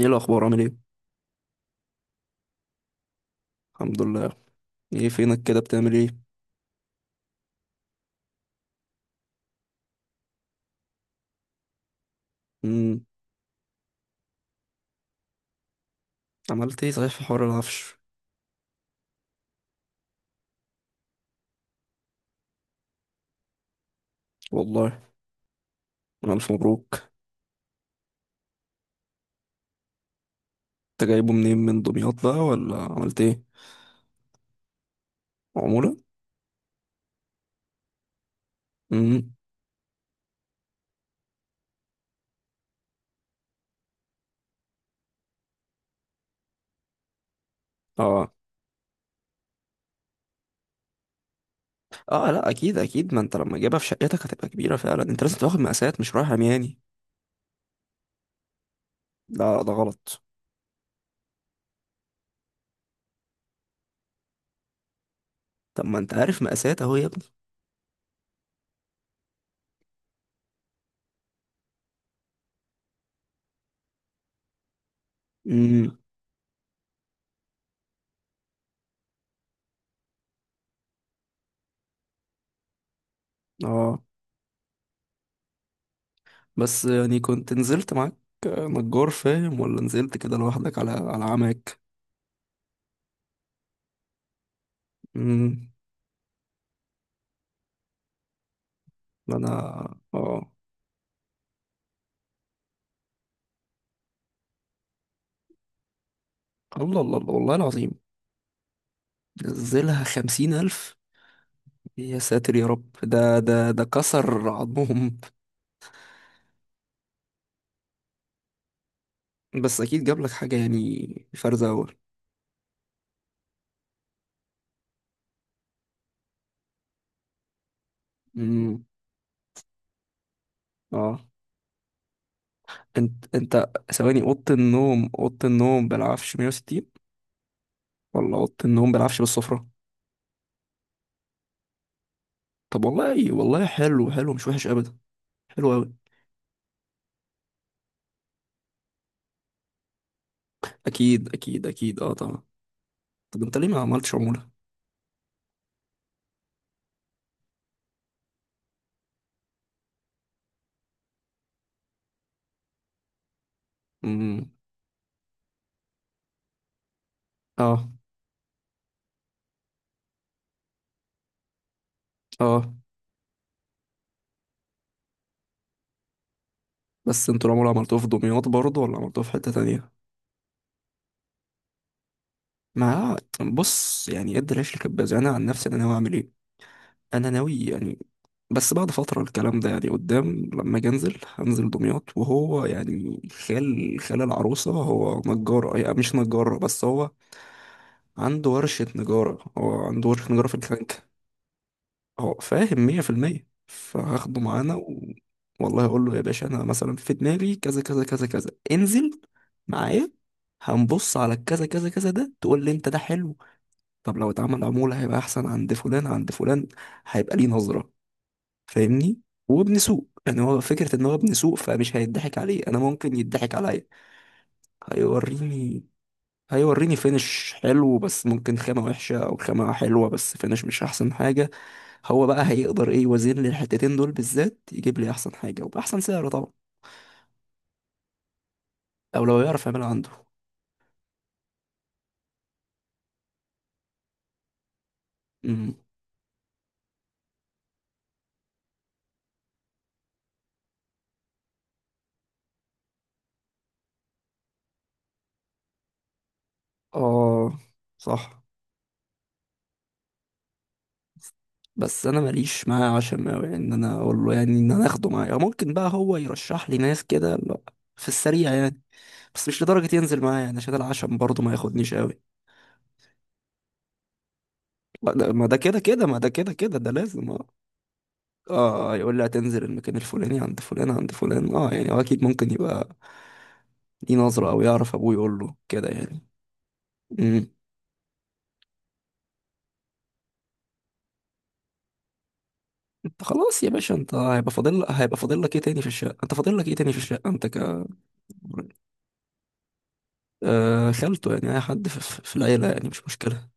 ايه الاخبار؟ عامل ايه؟ الحمد لله. ايه فينك كده؟ بتعمل ايه؟ امم. عملت ايه صحيح في حوار العفش؟ والله. الف مبروك. انت جايبه منين؟ من دمياط بقى ولا عملت ايه؟ عموله؟ امم. اه، اه. لا، اكيد اكيد، ما انت لما تجيبها في شقتك هتبقى كبيره فعلا. انت لازم تاخد مقاسات، مش رايح عمياني. لا، ده غلط. طب ما انت عارف مقاسات اهو يا ابني. امم. اه. بس يعني كنت نزلت معاك نجار فاهم، ولا نزلت كده لوحدك على عمك؟ امم. انا. اه. الله الله الله، والله العظيم. نزلها 50,000. يا ساتر يا رب، ده كسر عظمهم. بس أكيد جاب لك حاجة يعني، فرزة أول. أمم، اه. أنت ثواني، أوضة النوم بالعفش 160؟ ولا أوضة النوم بالعفش بالسفرة؟ طب والله والله، حلو حلو، مش وحش أبدا. حلو أوي. أكيد أكيد أكيد، اه طبعا. طب أنت ليه ما عملتش عمولة؟ أمم، اه، اه. بس أنتوا العمولة عملتوها في دمياط برضه، ولا عملتوها في حتة تانية؟ ما بص، يعني ادي العيش لكباز. انا عن نفسي، انا ناوي اعمل ايه، انا ناوي يعني بس بعد فتره، الكلام ده يعني قدام. لما اجي انزل، هنزل دمياط، وهو يعني خال العروسه هو نجار، يعني مش نجار بس هو عنده ورشه نجاره. هو عنده ورشه نجاره في الكلانكا. هو فاهم 100%، فهاخده معانا و... والله اقول له يا باشا، انا مثلا في دماغي كذا كذا كذا كذا، انزل معايا. هنبص على الكذا كذا كذا ده، تقول لي انت ده حلو. طب لو اتعمل عمولة هيبقى أحسن، عند فلان عند فلان هيبقى ليه نظرة. فاهمني؟ وابن سوق، يعني هو فكرة إن هو ابن سوق فمش هيضحك عليه. أنا ممكن يضحك عليا. هيوريني. هيوريني فينش حلو، بس ممكن خامة وحشة، أو خامة حلوة بس فينش مش أحسن حاجة. هو بقى هيقدر إيه، يوازن لي الحتتين دول بالذات، يجيب لي أحسن حاجة وبأحسن سعر طبعا. أو لو يعرف يعملها عنده. امم. آه. صح. بس انا ماليش معاه عشم اوي ان انا اقول له، يعني ان انا اخده معايا. أو ممكن بقى هو يرشح لي ناس كده، لا، في السريع يعني. بس مش لدرجة ينزل معايا يعني، عشان العشم برضه ما ياخدنيش قوي. ما ده، ما ده كده كده، ما ده كده كده، ده لازم اه. اه آه، يقول لي هتنزل المكان الفلاني عند فلان عند فلان. اه يعني هو اكيد ممكن يبقى ليه نظرة، او يعرف ابوه يقول له كده يعني. امم. انت خلاص يا باشا، انت هيبقى فاضل لك ايه تاني في الشقة؟ انت فاضل لك ايه تاني في الشقة؟ انت ك آه، خالته يعني، أي حد في في العيلة، يعني مش مشكلة.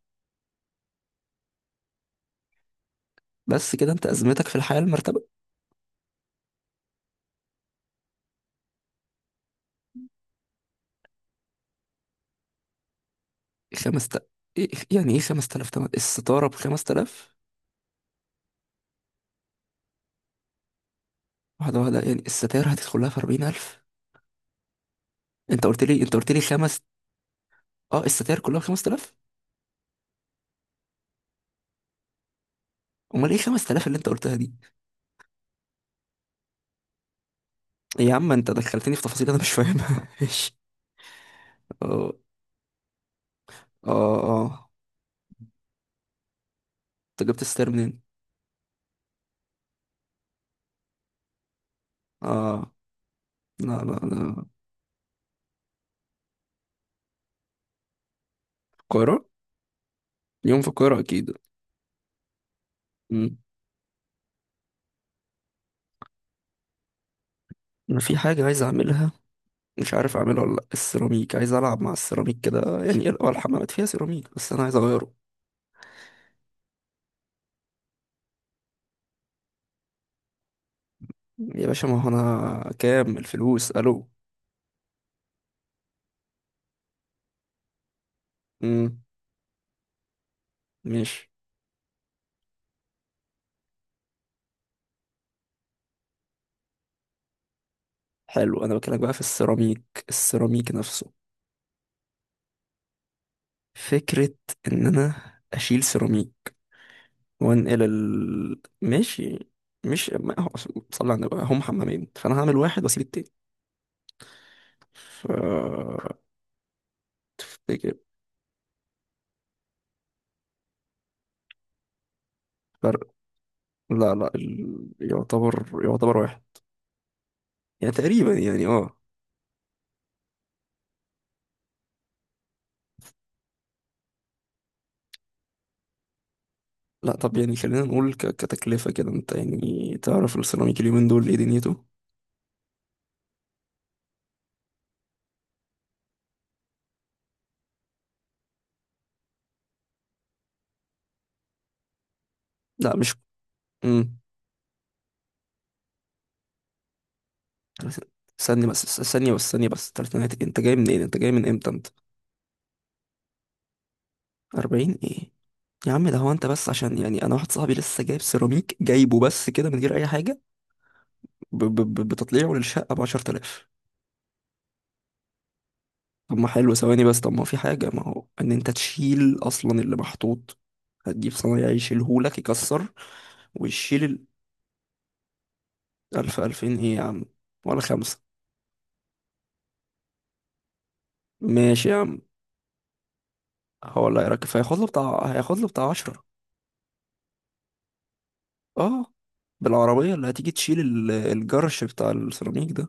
بس كده أنت أزمتك في الحياة المرتبة. خمس تا... إيه يعني، إيه 5,000 تمن الستارة بخمس تلاف؟ واحدة واحدة يعني، الستاير هتدخلها في 40,000. أنت قلت لي خمس. أه، الستاير كلها بخمس تلاف. أمال إيه 5,000 اللي أنت قلتها دي؟ يا عم أنت دخلتني في تفاصيل أنا مش فاهمها إيش. أه، أه. أه، أنت جبت الستاير منين؟ أه. لا، لا، لا. القاهرة. يوم في القاهرة أكيد. أمم. أنا في حاجة عايز أعملها، مش عارف اعمله ولا لأ. السيراميك، عايز العب مع السيراميك كده. يعني هو الحمامات فيها سيراميك، بس انا عايز اغيره. يا باشا، ما هو انا كام الفلوس الو. امم. ماشي. حلو، انا بكلمك بقى في السيراميك، السيراميك نفسه. فكرة ان انا اشيل سيراميك وانقل ماشي. مش، ما هو صلي على النبي، هم حمامين، فانا هعمل واحد واسيب التاني. ف افتكر. فرق. لا، لا، يعتبر واحد. يعني تقريبا يعني، اه. لا طب، يعني خلينا نقول كتكلفة كده. انت يعني تعرف السيراميك اليومين دول ايه دنيته؟ لا مش. امم. ثانية بس، ثانية بس، ثانية بس. تلاتينات؟ انت جاي منين؟ انت جاي من امتى انت؟ 40 ايه يا عم ده؟ هو انت بس، عشان يعني انا واحد صاحبي لسه جايب سيراميك، جايبه بس كده من غير اي حاجة، بتطليعه للشقة ب 10,000. طب ما حلو، ثواني بس، طب ما هو في حاجة، ما هو ان انت تشيل اصلا اللي محطوط، هتجيب صنايعي يشيلهولك يكسر ويشيل ال- ألف، ألفين ايه يا عم، ولا خمسة؟ ماشي يا عم. هو اللي هيركب فهياخد له بتاع عشرة اه. بالعربية اللي هتيجي تشيل الجرش بتاع السيراميك ده.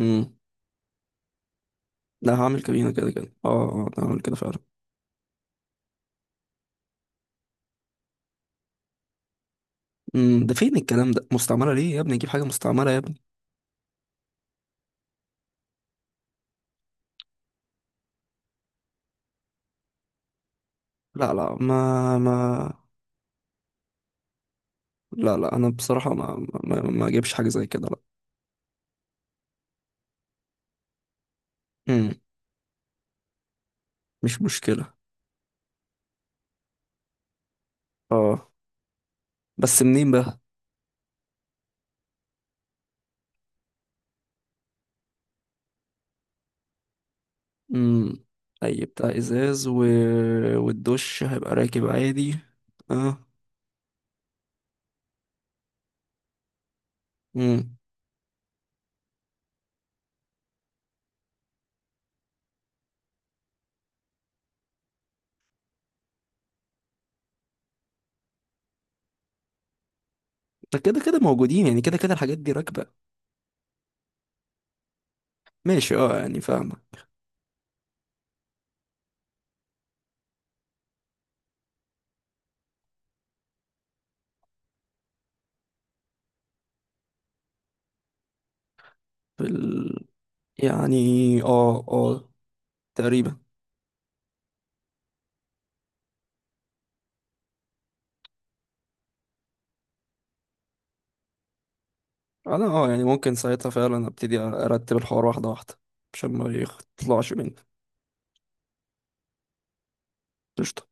امم. لا، هعمل كابينة كده كده، اه اه أنا هعمل كده فعلا. امم. ده فين الكلام ده مستعملة؟ ليه يا ابني اجيب حاجة مستعملة يا ابني؟ لا، لا، ما ما لا، لا، انا بصراحة ما اجيبش حاجة زي كده، لا. امم. مش مشكلة. اه. بس منين بقى؟ امم. اي بتاع ازاز و... والدش هيبقى راكب عادي. اه. امم. ده كده كده موجودين يعني، كده كده الحاجات دي راكبة. ماشي اه، يعني فاهمة. في ال... يعني. اه، اه. تقريبا. انا اه يعني ممكن ساعتها فعلا ابتدي ارتب الحوار واحدة واحدة عشان ما يطلعش مني. قشطة.